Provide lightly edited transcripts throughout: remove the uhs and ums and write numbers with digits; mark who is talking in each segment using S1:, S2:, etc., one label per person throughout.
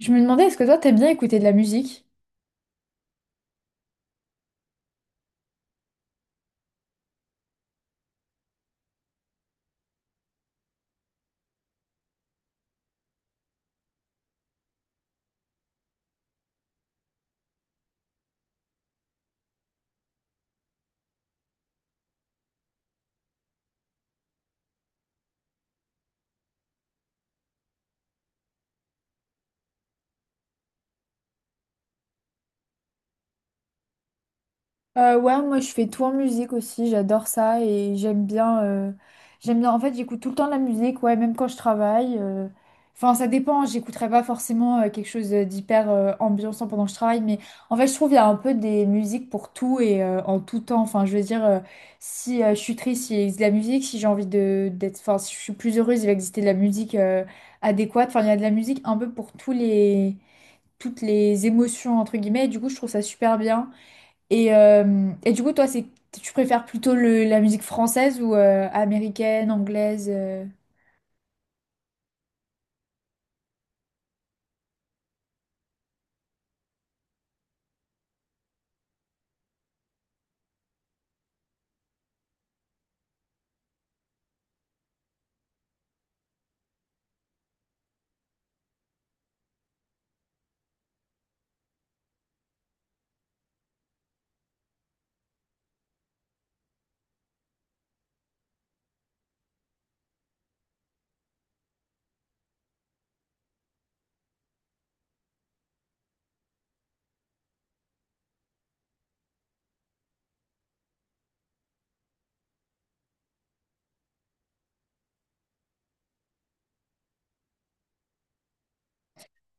S1: Je me demandais, est-ce que toi, t'aimes bien écouter de la musique? Ouais, moi je fais tout en musique aussi, j'adore ça et j'aime bien, j'aime bien. En fait, j'écoute tout le temps de la musique, ouais, même quand je travaille. Enfin, ça dépend. J'écouterai pas forcément quelque chose d'hyper ambiançant pendant que je travaille, mais en fait, je trouve il y a un peu des musiques pour tout et en tout temps. Enfin, je veux dire, si je suis triste, il existe de la musique. Si j'ai envie de enfin, si je suis plus heureuse, il va exister de la musique adéquate. Enfin, il y a de la musique un peu pour tous les toutes les émotions entre guillemets. Et du coup, je trouve ça super bien. Et du coup, toi, c'est tu préfères plutôt la musique française ou américaine, anglaise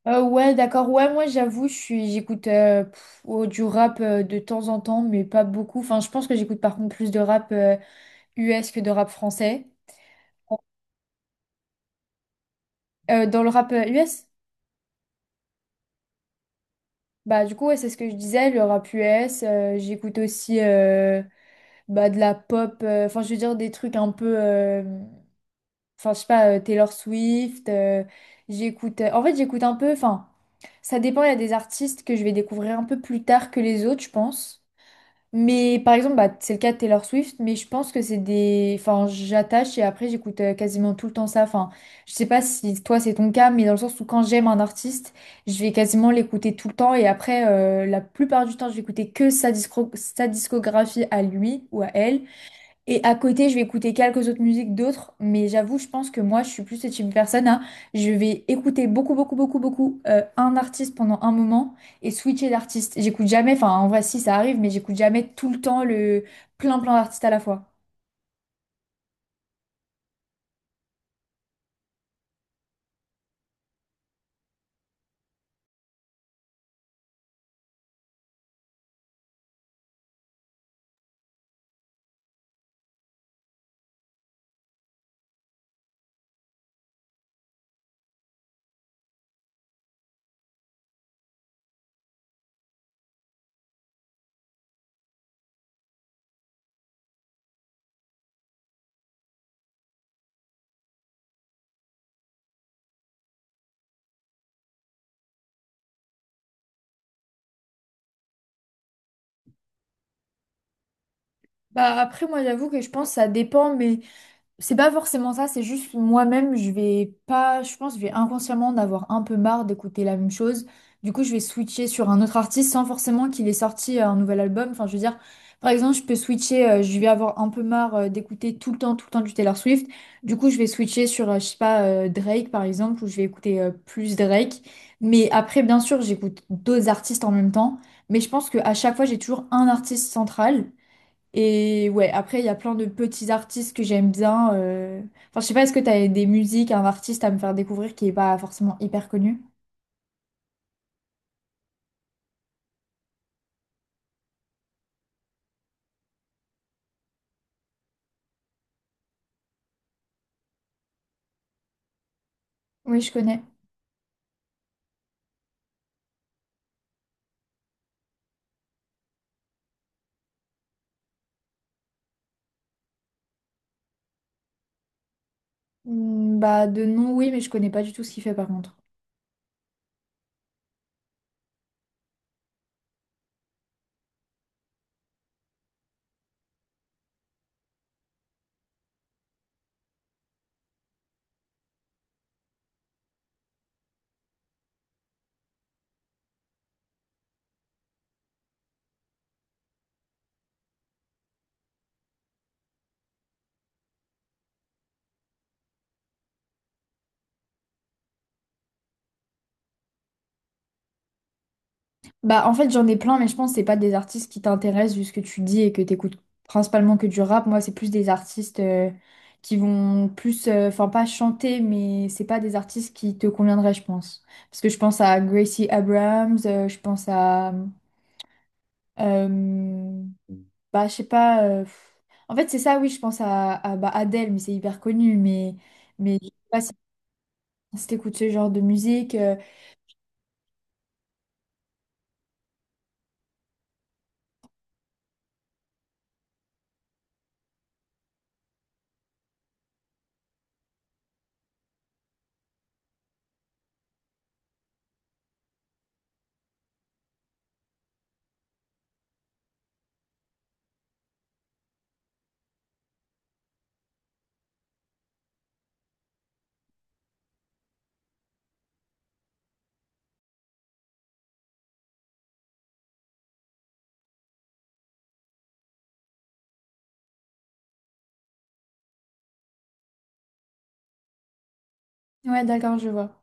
S1: Ouais, d'accord. Ouais, moi, j'avoue, je suis j'écoute du rap de temps en temps, mais pas beaucoup. Enfin, je pense que j'écoute par contre plus de rap US que de rap français. Dans le rap US, bah du coup ouais, c'est ce que je disais, le rap US, j'écoute aussi bah, de la pop, enfin je veux dire des trucs un peu Enfin, je sais pas, Taylor Swift, j'écoute. En fait, j'écoute un peu. Enfin, ça dépend. Il y a des artistes que je vais découvrir un peu plus tard que les autres, je pense. Mais par exemple, bah, c'est le cas de Taylor Swift, mais je pense que c'est des. Enfin, j'attache et après, j'écoute quasiment tout le temps ça. Enfin, je sais pas si toi, c'est ton cas, mais dans le sens où quand j'aime un artiste, je vais quasiment l'écouter tout le temps et après, la plupart du temps, je vais écouter que sa sa discographie à lui ou à elle. Et à côté, je vais écouter quelques autres musiques d'autres, mais j'avoue, je pense que moi, je suis plus ce type de personne à, je vais écouter beaucoup, beaucoup, beaucoup, beaucoup un artiste pendant un moment et switcher d'artiste. J'écoute jamais, enfin, en vrai, si ça arrive, mais j'écoute jamais tout le temps le plein, plein d'artistes à la fois. Bah après, moi, j'avoue que je pense que ça dépend, mais c'est pas forcément ça, c'est juste moi-même, je vais pas, je pense, je vais inconsciemment en avoir un peu marre d'écouter la même chose. Du coup, je vais switcher sur un autre artiste sans forcément qu'il ait sorti un nouvel album. Enfin, je veux dire, par exemple, je peux switcher, je vais avoir un peu marre d'écouter tout le temps du Taylor Swift. Du coup, je vais switcher sur, je sais pas, Drake par exemple, où je vais écouter plus Drake. Mais après, bien sûr, j'écoute d'autres artistes en même temps. Mais je pense qu'à chaque fois, j'ai toujours un artiste central. Et ouais, après, il y a plein de petits artistes que j'aime bien. Enfin, je sais pas, est-ce que t'as des musiques, un artiste à me faire découvrir qui est pas forcément hyper connu? Oui, je connais. Hmm, bah, de nom, oui, mais je connais pas du tout ce qu'il fait par contre. Bah, en fait, j'en ai plein, mais je pense que c'est pas des artistes qui t'intéressent vu ce que tu dis et que t'écoutes principalement que du rap. Moi, c'est plus des artistes qui vont plus, enfin, pas chanter, mais c'est pas des artistes qui te conviendraient, je pense. Parce que je pense à Gracie Abrams, je pense à. Euh, Bah, je sais pas. Pff. En fait, c'est ça, oui, à bah, Adele, mais c'est hyper connu. Mais je sais pas si, si t'écoutes ce genre de musique. Ouais, d'accord, je vois.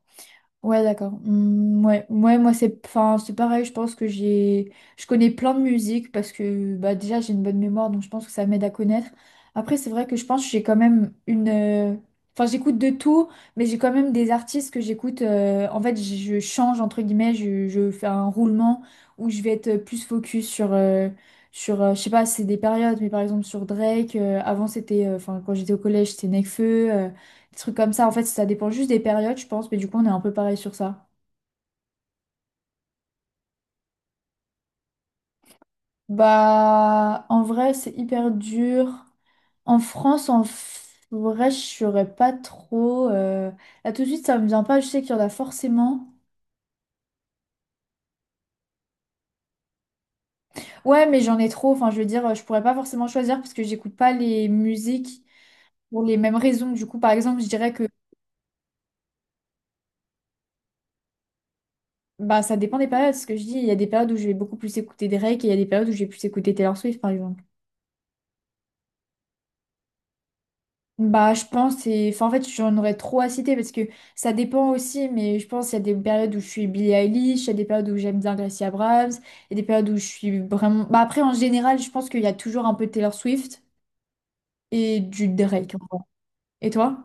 S1: Ouais, d'accord. Hmm, ouais, ouais, moi c'est enfin, c'est pareil, je pense que j'ai je connais plein de musique parce que bah déjà j'ai une bonne mémoire donc je pense que ça m'aide à connaître. Après c'est vrai que je pense que j'ai quand même une enfin j'écoute de tout, mais j'ai quand même des artistes que j'écoute en fait je change entre guillemets, je fais un roulement où je vais être plus focus sur je sais pas, c'est des périodes mais par exemple sur Drake, avant c'était enfin quand j'étais au collège, c'était Nekfeu des trucs comme ça, en fait, ça dépend juste des périodes, je pense, mais du coup, on est un peu pareil sur ça. Bah, en vrai, c'est hyper dur. En France, en vrai, je saurais pas trop. Là, tout de suite, ça me vient pas. Je sais qu'il y en a forcément. Ouais, mais j'en ai trop. Enfin, je veux dire, je pourrais pas forcément choisir parce que j'écoute pas les musiques pour les mêmes raisons. Du coup, par exemple, je dirais que bah, ça dépend des périodes. Ce que je dis, il y a des périodes où je vais beaucoup plus écouter Drake et il y a des périodes où je vais plus écouter Taylor Swift, par exemple. Bah, je pense, et enfin, en fait, j'en aurais trop à citer parce que ça dépend aussi, mais je pense qu'il y a des périodes où je suis Billie Eilish, il y a des périodes où j'aime bien Gracie Abrams, il y a des périodes où je suis vraiment. Bah, après, en général, je pense qu'il y a toujours un peu de Taylor Swift et du Drake. En vrai. Et toi?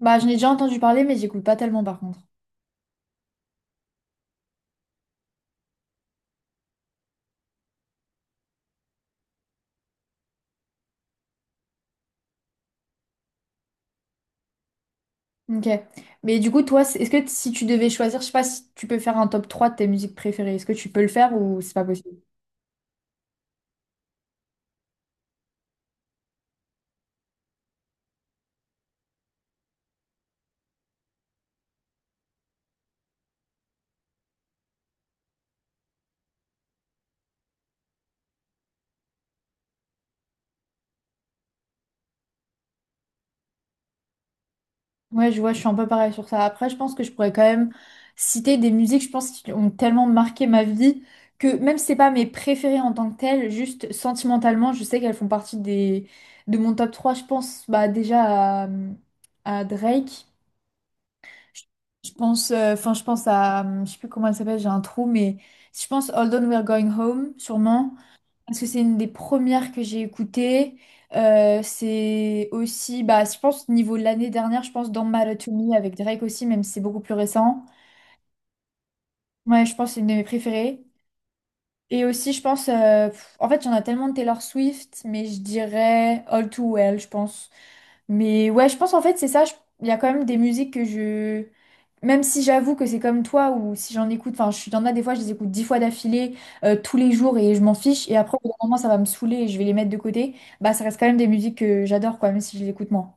S1: Bah, j'en ai déjà entendu parler, mais j'écoute pas tellement par contre. Ok. Mais du coup, toi, est-ce que si tu devais choisir, je sais pas si tu peux faire un top 3 de tes musiques préférées, est-ce que tu peux le faire ou c'est pas possible? Ouais, je vois, je suis un peu pareil sur ça. Après, je pense que je pourrais quand même citer des musiques, je pense, qui ont tellement marqué ma vie que même si c'est pas mes préférées en tant que telles, juste sentimentalement, je sais qu'elles font partie des de mon top 3. Je pense bah, déjà à Drake. Je je pense, enfin, je sais plus comment elle s'appelle, j'ai un trou, mais je pense Hold On, We're Going Home, sûrement. Parce que c'est une des premières que j'ai écoutées. C'est aussi, bah, je pense, niveau de l'année dernière, je pense, dans Matter to Me avec Drake aussi, même si c'est beaucoup plus récent. Ouais, je pense que c'est une de mes préférées. Et aussi, je pense, en fait, j'en ai tellement de Taylor Swift, mais je dirais All Too Well, je pense. Mais ouais, je pense en fait, c'est ça. Il y a quand même des musiques que je. Même si j'avoue que c'est comme toi, ou si j'en écoute, enfin, je suis il y en a des fois, je les écoute 10 fois d'affilée, tous les jours, et je m'en fiche. Et après, au bout d'un moment, ça va me saouler et je vais les mettre de côté. Bah, ça reste quand même des musiques que j'adore, quoi, même si je les écoute moins.